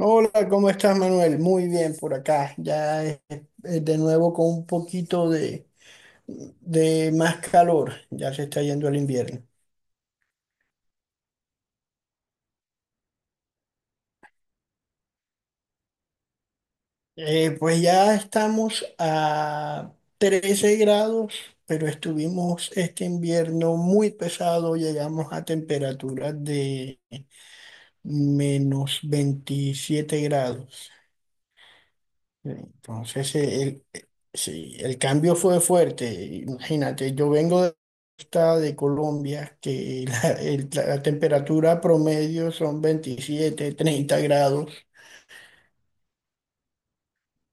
Hola, ¿cómo estás, Manuel? Muy bien por acá. Ya de nuevo con un poquito de más calor. Ya se está yendo el invierno. Pues ya estamos a 13 grados, pero estuvimos este invierno muy pesado. Llegamos a temperaturas de menos 27 grados. Entonces, sí, el cambio fue fuerte. Imagínate, yo vengo de, costa de Colombia, que la temperatura promedio son 27 30 grados.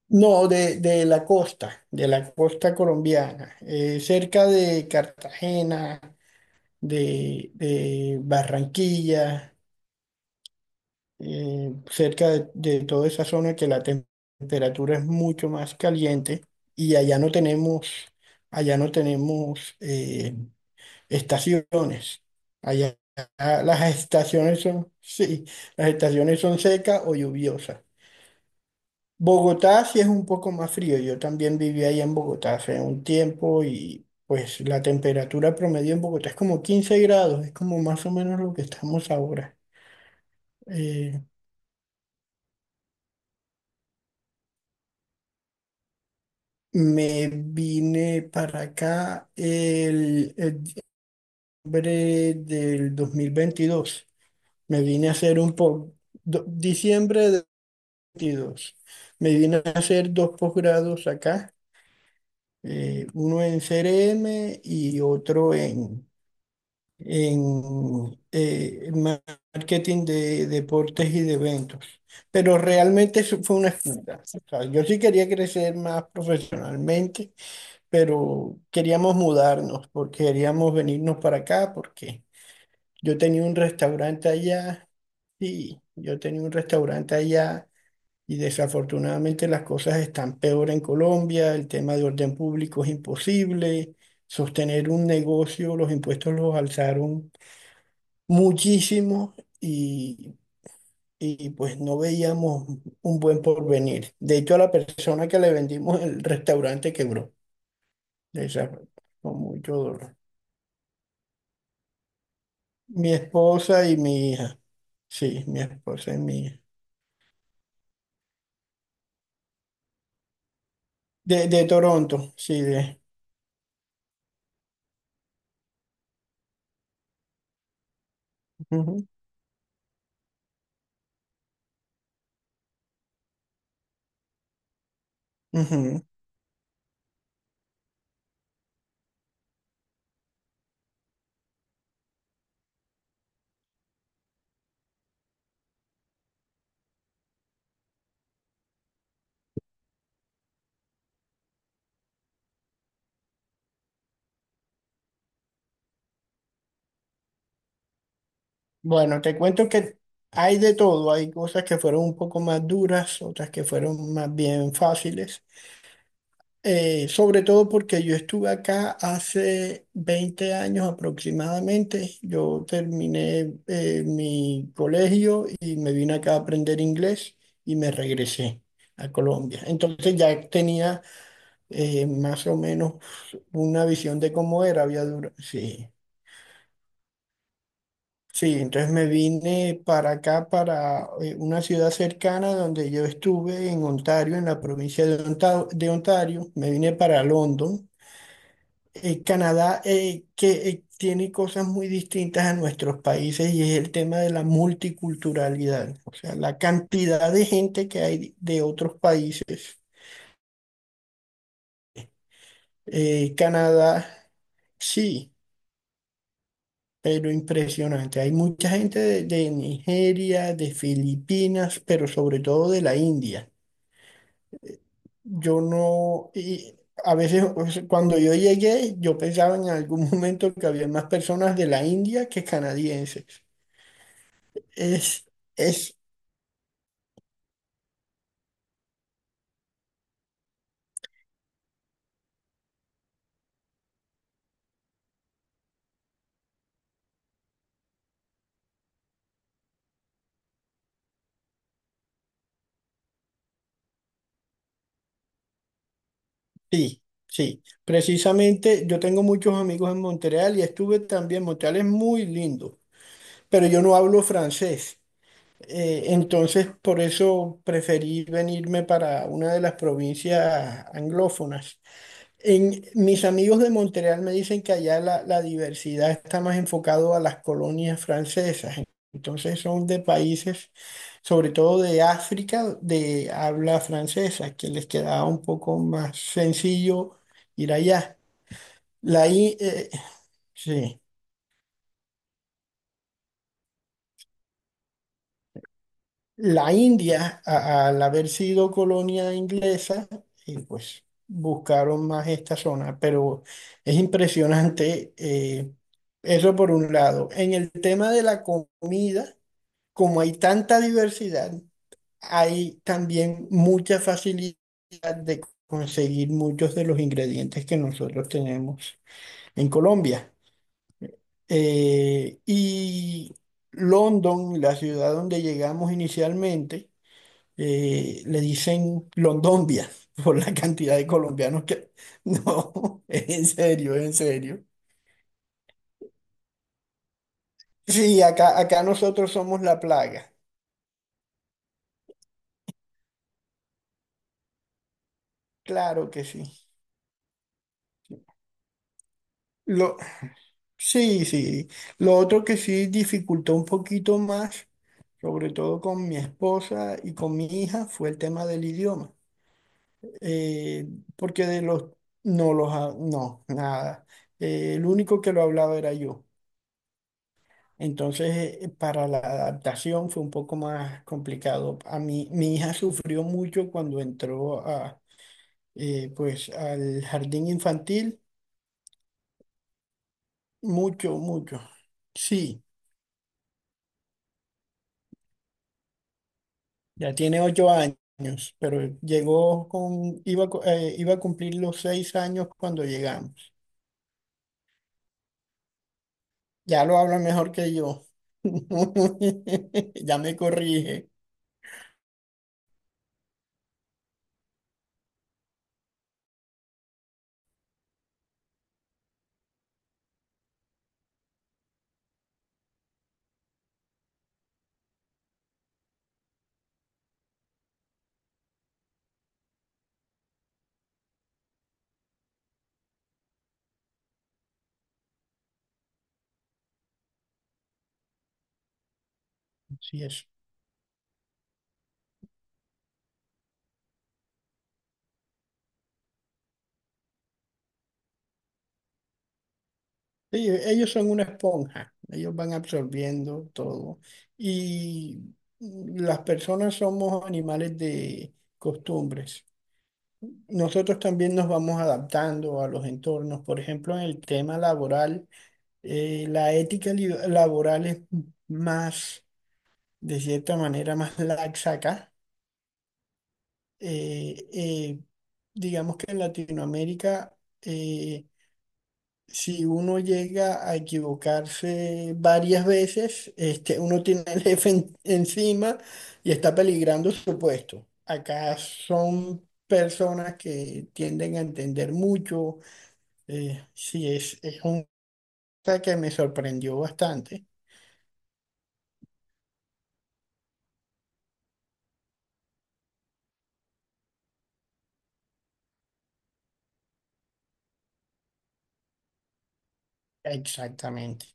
No, de la costa colombiana, cerca de Cartagena, de Barranquilla. Cerca de toda esa zona que la temperatura es mucho más caliente y allá no tenemos estaciones. Allá las estaciones son, sí, las estaciones son secas o lluviosas. Bogotá sí es un poco más frío. Yo también viví allá en Bogotá hace un tiempo y pues la temperatura promedio en Bogotá es como 15 grados, es como más o menos lo que estamos ahora. Eh, Me vine para acá el diciembre del 2022. Me vine a hacer diciembre del 22. Me vine a hacer dos posgrados acá, uno en CRM y otro en marketing de deportes y de eventos. Pero realmente eso fue una excusa. O sea, yo sí quería crecer más profesionalmente pero queríamos mudarnos porque queríamos venirnos para acá porque yo tenía un restaurante allá, sí, yo tenía un restaurante allá y desafortunadamente las cosas están peor en Colombia, el tema de orden público es imposible, sostener un negocio, los impuestos los alzaron muchísimo y... Y pues no veíamos un buen porvenir. De hecho, a la persona que le vendimos el restaurante quebró. Desa- con mucho dolor. Mi esposa y mi hija. Sí, mi esposa y mi hija. De Toronto, sí, de. Ujú, ujú. Bueno, te cuento que hay de todo. Hay cosas que fueron un poco más duras, otras que fueron más bien fáciles. Sobre todo porque yo estuve acá hace 20 años aproximadamente. Yo terminé mi colegio y me vine acá a aprender inglés y me regresé a Colombia. Entonces ya tenía más o menos una visión de cómo era. Sí, sí, entonces me vine para acá, para una ciudad cercana donde yo estuve en Ontario, en la provincia de Ontario, de Ontario. Me vine para London. Canadá que tiene cosas muy distintas a nuestros países y es el tema de la multiculturalidad, o sea, la cantidad de gente que hay de otros países. Canadá, sí. Pero impresionante. Hay mucha gente de Nigeria, de Filipinas, pero sobre todo de la India. Yo no, y a veces o sea, cuando yo llegué, yo pensaba en algún momento que había más personas de la India que canadienses. Es, es, sí, sí. Precisamente yo tengo muchos amigos en Montreal y estuve también. Montreal es muy lindo, pero yo no hablo francés. Entonces, por eso preferí venirme para una de las provincias anglófonas. En, mis amigos de Montreal me dicen que allá la diversidad está más enfocado a las colonias francesas. Entonces, son de países, sobre todo de África, de habla francesa, que les quedaba un poco más sencillo ir allá. La, i- eh, sí. La India, al haber sido colonia inglesa, y pues buscaron más esta zona, pero es impresionante eso por un lado. En el tema de la comida, como hay tanta diversidad, hay también mucha facilidad de conseguir muchos de los ingredientes que nosotros tenemos en Colombia. Y London, la ciudad donde llegamos inicialmente, le dicen Londombia por la cantidad de colombianos que... No, es en serio, es en serio. Sí, acá, acá nosotros somos la plaga. Claro que sí. Lo, sí, sí. Lo otro que sí dificultó un poquito más, sobre todo con mi esposa y con mi hija, fue el tema del idioma. Eh, porque de los... No los... ha- No, nada. El único que lo hablaba era yo. Entonces, para la adaptación fue un poco más complicado. A mí, mi hija sufrió mucho cuando entró a, pues, al jardín infantil, mucho, mucho. Sí, ya tiene 8 años, pero llegó con, iba, iba a cumplir los 6 años cuando llegamos. Ya lo habla mejor que yo. Ya me corrige. Sí, ellos son una esponja, ellos van absorbiendo todo. Y mm, las personas somos animales de costumbres. Nosotros también nos vamos adaptando a los entornos. Por ejemplo, en el tema laboral, la ética laboral es más, de cierta manera, más laxa acá. Eh, eh, digamos que en Latinoamérica eh, si uno llega a equivocarse varias veces, este, uno tiene el jefe encima y está peligrando su puesto. Acá son personas que tienden a entender mucho. Sí, es una cosa que me sorprendió bastante. Exactamente.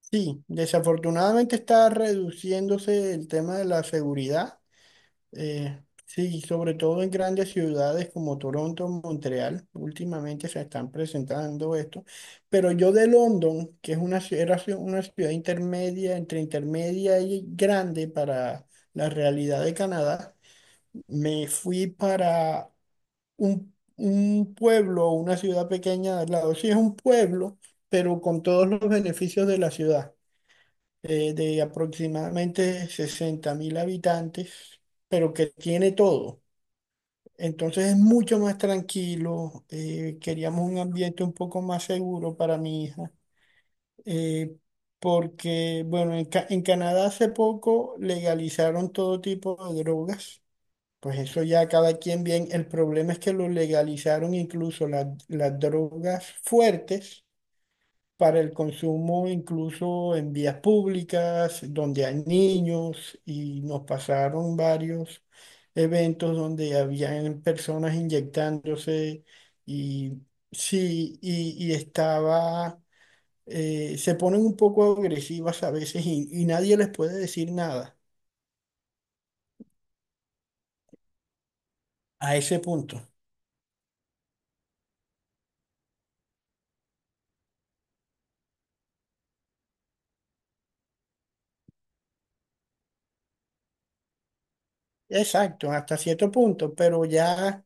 Sí, desafortunadamente está reduciéndose el tema de la seguridad. Eh, sí, sobre todo en grandes ciudades como Toronto, Montreal, últimamente se están presentando esto. Pero yo de London, que es una, ci- era ci- una ciudad intermedia, entre intermedia y grande para la realidad de Canadá, me fui para un pueblo, una ciudad pequeña al lado. Sí, es un pueblo, pero con todos los beneficios de la ciudad, de aproximadamente 60.000 habitantes, pero que tiene todo. Entonces es mucho más tranquilo. Eh, queríamos un ambiente un poco más seguro para mi hija. Eh, porque, bueno, en Canadá hace poco legalizaron todo tipo de drogas. Pues eso ya cada quien bien. El problema es que lo legalizaron incluso las drogas fuertes para el consumo incluso en vías públicas, donde hay niños, y nos pasaron varios eventos donde habían personas inyectándose y sí, y estaba, se ponen un poco agresivas a veces y nadie les puede decir nada a ese punto. Exacto, hasta cierto punto, pero ya...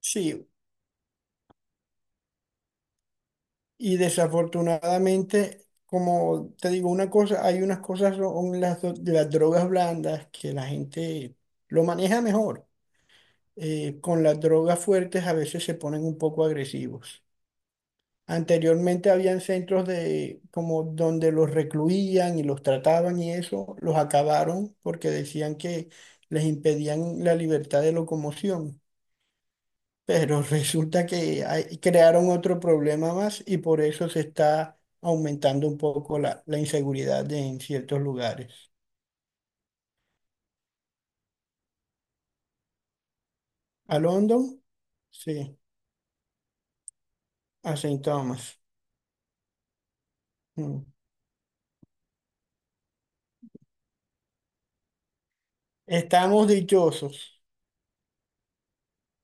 Sí, y desafortunadamente, como te digo una cosa, hay unas cosas, son las, de las drogas blandas que la gente lo maneja mejor. Con las drogas fuertes a veces se ponen un poco agresivos. Anteriormente habían centros de como donde los recluían y los trataban y eso, los acabaron porque decían que les impedían la libertad de locomoción. Pero resulta que crearon otro problema más y por eso se está aumentando un poco la inseguridad en ciertos lugares. ¿A London? Sí, a Saint Thomas. Mm. Estamos dichosos,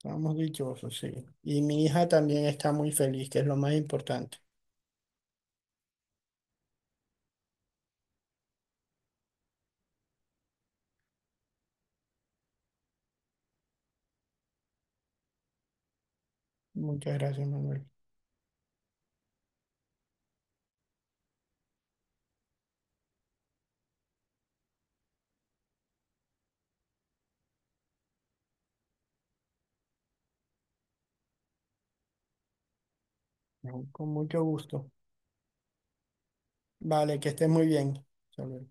estamos dichosos, sí. Y mi hija también está muy feliz, que es lo más importante. Muchas gracias, Manuel. No, con mucho gusto. Vale, que estés muy bien. Hasta luego.